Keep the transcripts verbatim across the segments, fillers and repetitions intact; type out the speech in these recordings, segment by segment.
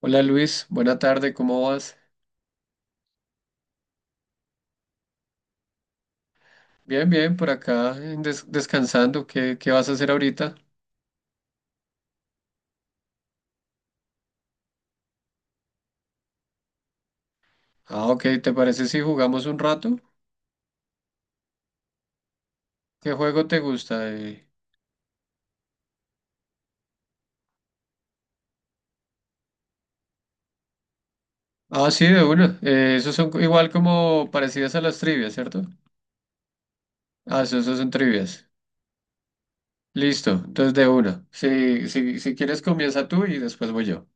Hola Luis, buena tarde, ¿cómo vas? Bien, bien, por acá en des- descansando. ¿Qué, qué vas a hacer ahorita? Ah, ok, ¿te parece si jugamos un rato? ¿Qué juego te gusta? Eh, Ah, sí, de una. Eh, esos son co- igual como parecidas a las trivias, ¿cierto? Ah, esos, esos son trivias. Listo, entonces de una. Si, si, si quieres comienza tú y después voy yo.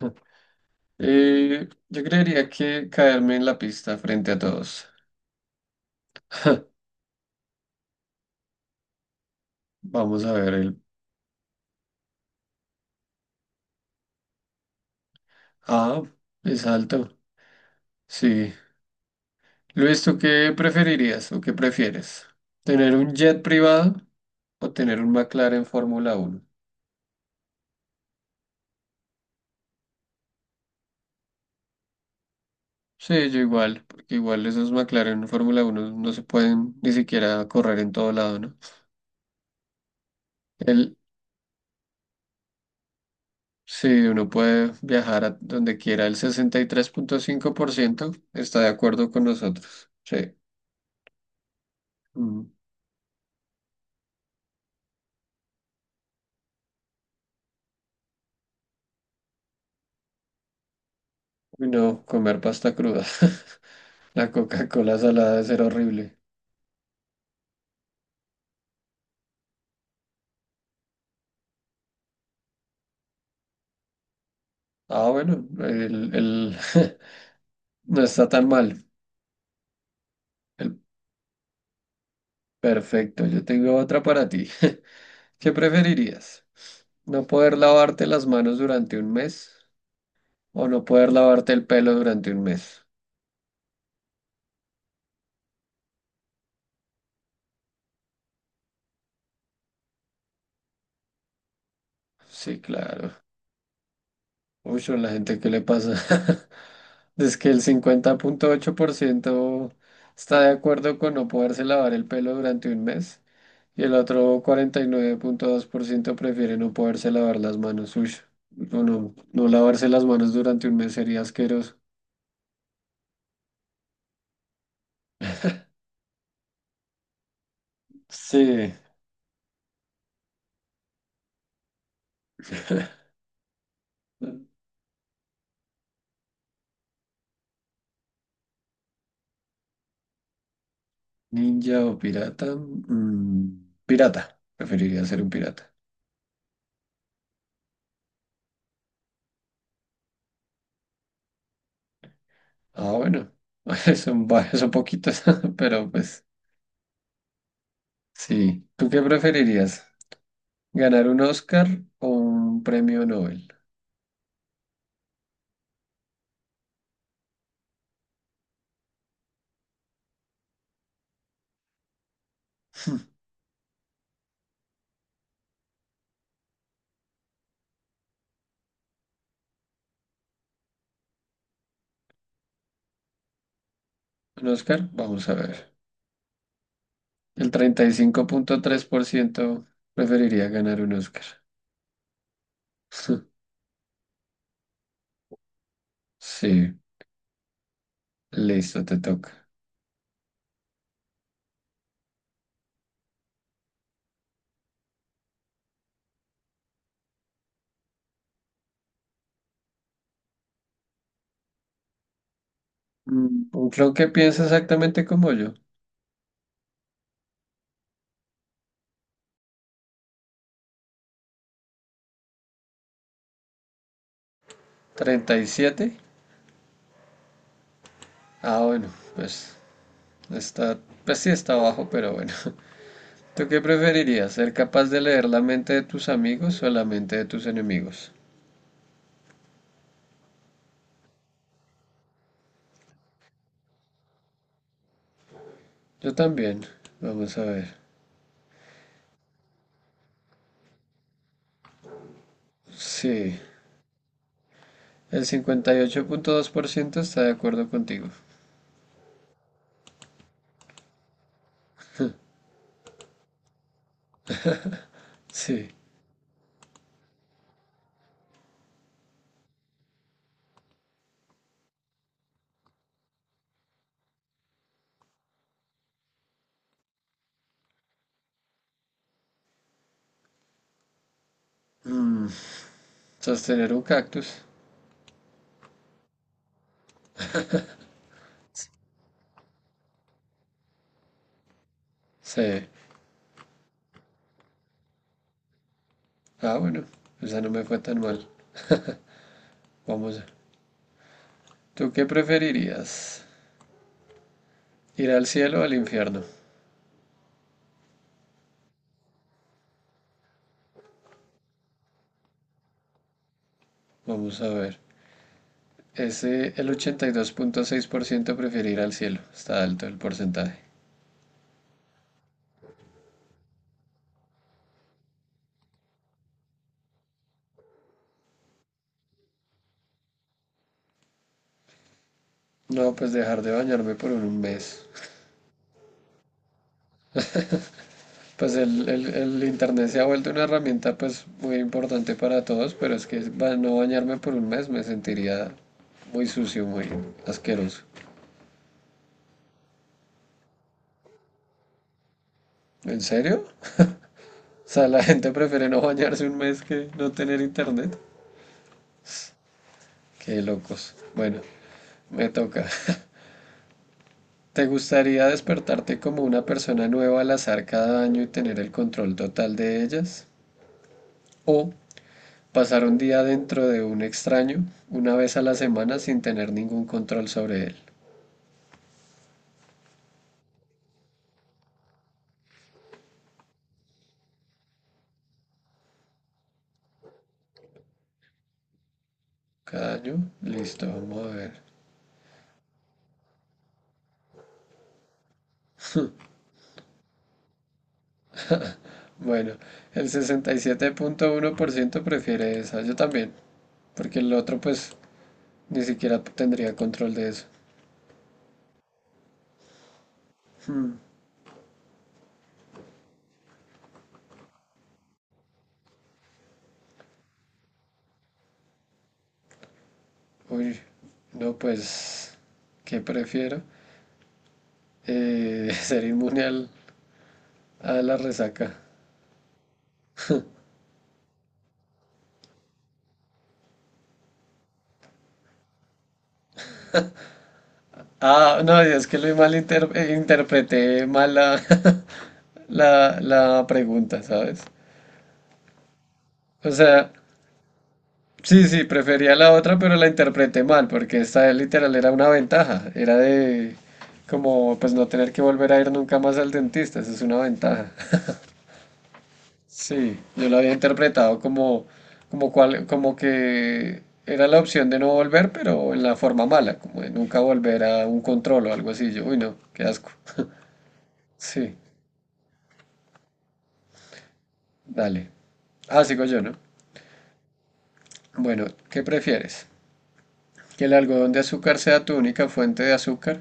Eh, yo creería que caerme en la pista frente a todos. Vamos a ver el... Ah, es alto. Sí. Luis, ¿tú qué preferirías o qué prefieres? ¿Tener un jet privado o tener un McLaren Fórmula Uno? Sí, yo igual, porque igual esos McLaren Fórmula Uno no se pueden ni siquiera correr en todo lado, ¿no? El, sí, uno puede viajar a donde quiera, el sesenta y tres punto cinco por ciento está de acuerdo con nosotros. Sí. Mm. Y no comer pasta cruda. La Coca-Cola salada es ser horrible. Ah, bueno, el, el- no está tan mal. El Perfecto, yo tengo otra para ti. ¿Qué preferirías? ¿No poder lavarte las manos durante un mes o no poder lavarte el pelo durante un mes? Sí, claro. Uy, a la gente, ¿qué le pasa? Es que el cincuenta punto ocho por ciento está de acuerdo con no poderse lavar el pelo durante un mes y el otro cuarenta y nueve punto dos por ciento prefiere no poderse lavar las manos. Uy, no, no, no lavarse las manos durante un mes sería asqueroso. Sí. Ninja o pirata. mm, pirata. Preferiría ser un pirata. Ah, bueno. Son varios, son poquitos, pero pues sí. ¿Tú qué preferirías? ¿Ganar un Oscar o un premio Nobel? ¿Un Oscar? Vamos a ver. El treinta y cinco punto tres por ciento preferiría ganar un Oscar. Sí, listo, te toca. Mm, Un clon que piensa exactamente como yo. Treinta y siete. Ah, bueno, pues está, pues sí está abajo, pero bueno. ¿Tú qué preferirías? ¿Ser capaz de leer la mente de tus amigos o la mente de tus enemigos? Yo también. Vamos a ver. Sí. El cincuenta y ocho punto dos por ciento está de acuerdo contigo. Sí. Mm, Sostener un cactus. Sí. Ah, bueno. Esa no me fue tan mal. Vamos a... ¿Tú qué preferirías? ¿Ir al cielo o al infierno? Vamos a ver. Ese, el ochenta y dos punto seis por ciento preferir al cielo. Está alto el porcentaje. No, pues dejar de bañarme por un mes. Pues el, el- el internet se ha vuelto una herramienta pues muy importante para todos, pero es que ba- no bañarme por un mes me sentiría muy sucio, muy asqueroso. ¿En serio? O sea, la gente prefiere no bañarse un mes que no tener internet. Qué locos. Bueno, me toca. ¿Te gustaría despertarte como una persona nueva al azar cada año y tener el control total de ellas? ¿O pasar un día dentro de un extraño, una vez a la semana, sin tener ningún control sobre él? Cada año, listo, vamos a ver. Bueno, el sesenta y siete punto uno por ciento prefiere esa, yo también, porque el otro pues ni siquiera tendría control de eso. Hmm. Uy, no, pues, ¿qué prefiero? Eh, ser inmune al- a la resaca. Ah, no, es que lo malinter- eh, interpreté mal la, la, la pregunta, ¿sabes? O sea, sí, sí, prefería la otra, pero la interpreté mal, porque esta literal era una ventaja. Era de como pues no tener que volver a ir nunca más al dentista, eso es una ventaja. Sí, yo lo había interpretado como, como, cual, como que era la opción de no volver, pero en la forma mala, como de nunca volver a un control o algo así. Yo, uy, no, qué asco. Sí, dale. Ah, sigo yo, ¿no? Bueno, ¿qué prefieres? ¿Que el algodón de azúcar sea tu única fuente de azúcar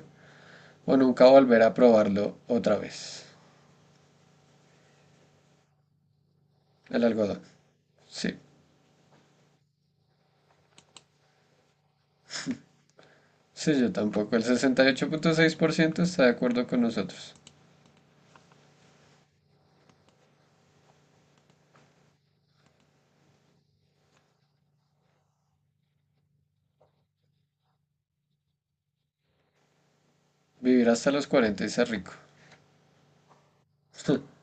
o nunca volver a probarlo otra vez? El algodón. Sí, sí, yo tampoco. El sesenta y ocho punto seis por ciento está de acuerdo con nosotros. Vivir hasta los cuarenta y ser rico.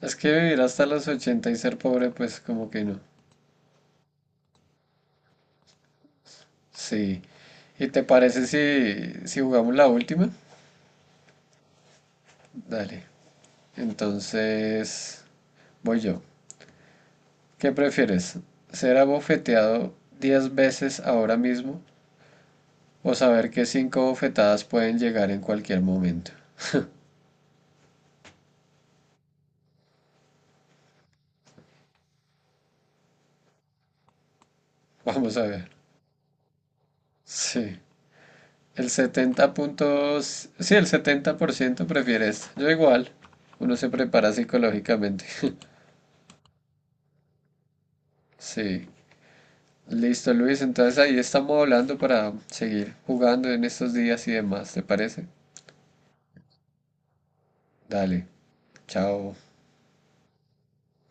Es que vivir hasta los ochenta y ser pobre, pues como que no. Sí. ¿Y te parece si, si, jugamos la última? Dale. Entonces, voy yo. ¿Qué prefieres? ¿Ser abofeteado diez veces ahora mismo o saber que cinco bofetadas pueden llegar en cualquier momento? Vamos a ver. Sí. El setenta puntos... Sí, el setenta por ciento prefiere esto. Yo igual. Uno se prepara psicológicamente. Sí. Listo, Luis. Entonces ahí estamos hablando para seguir jugando en estos días y demás. ¿Te parece? Dale. Chao.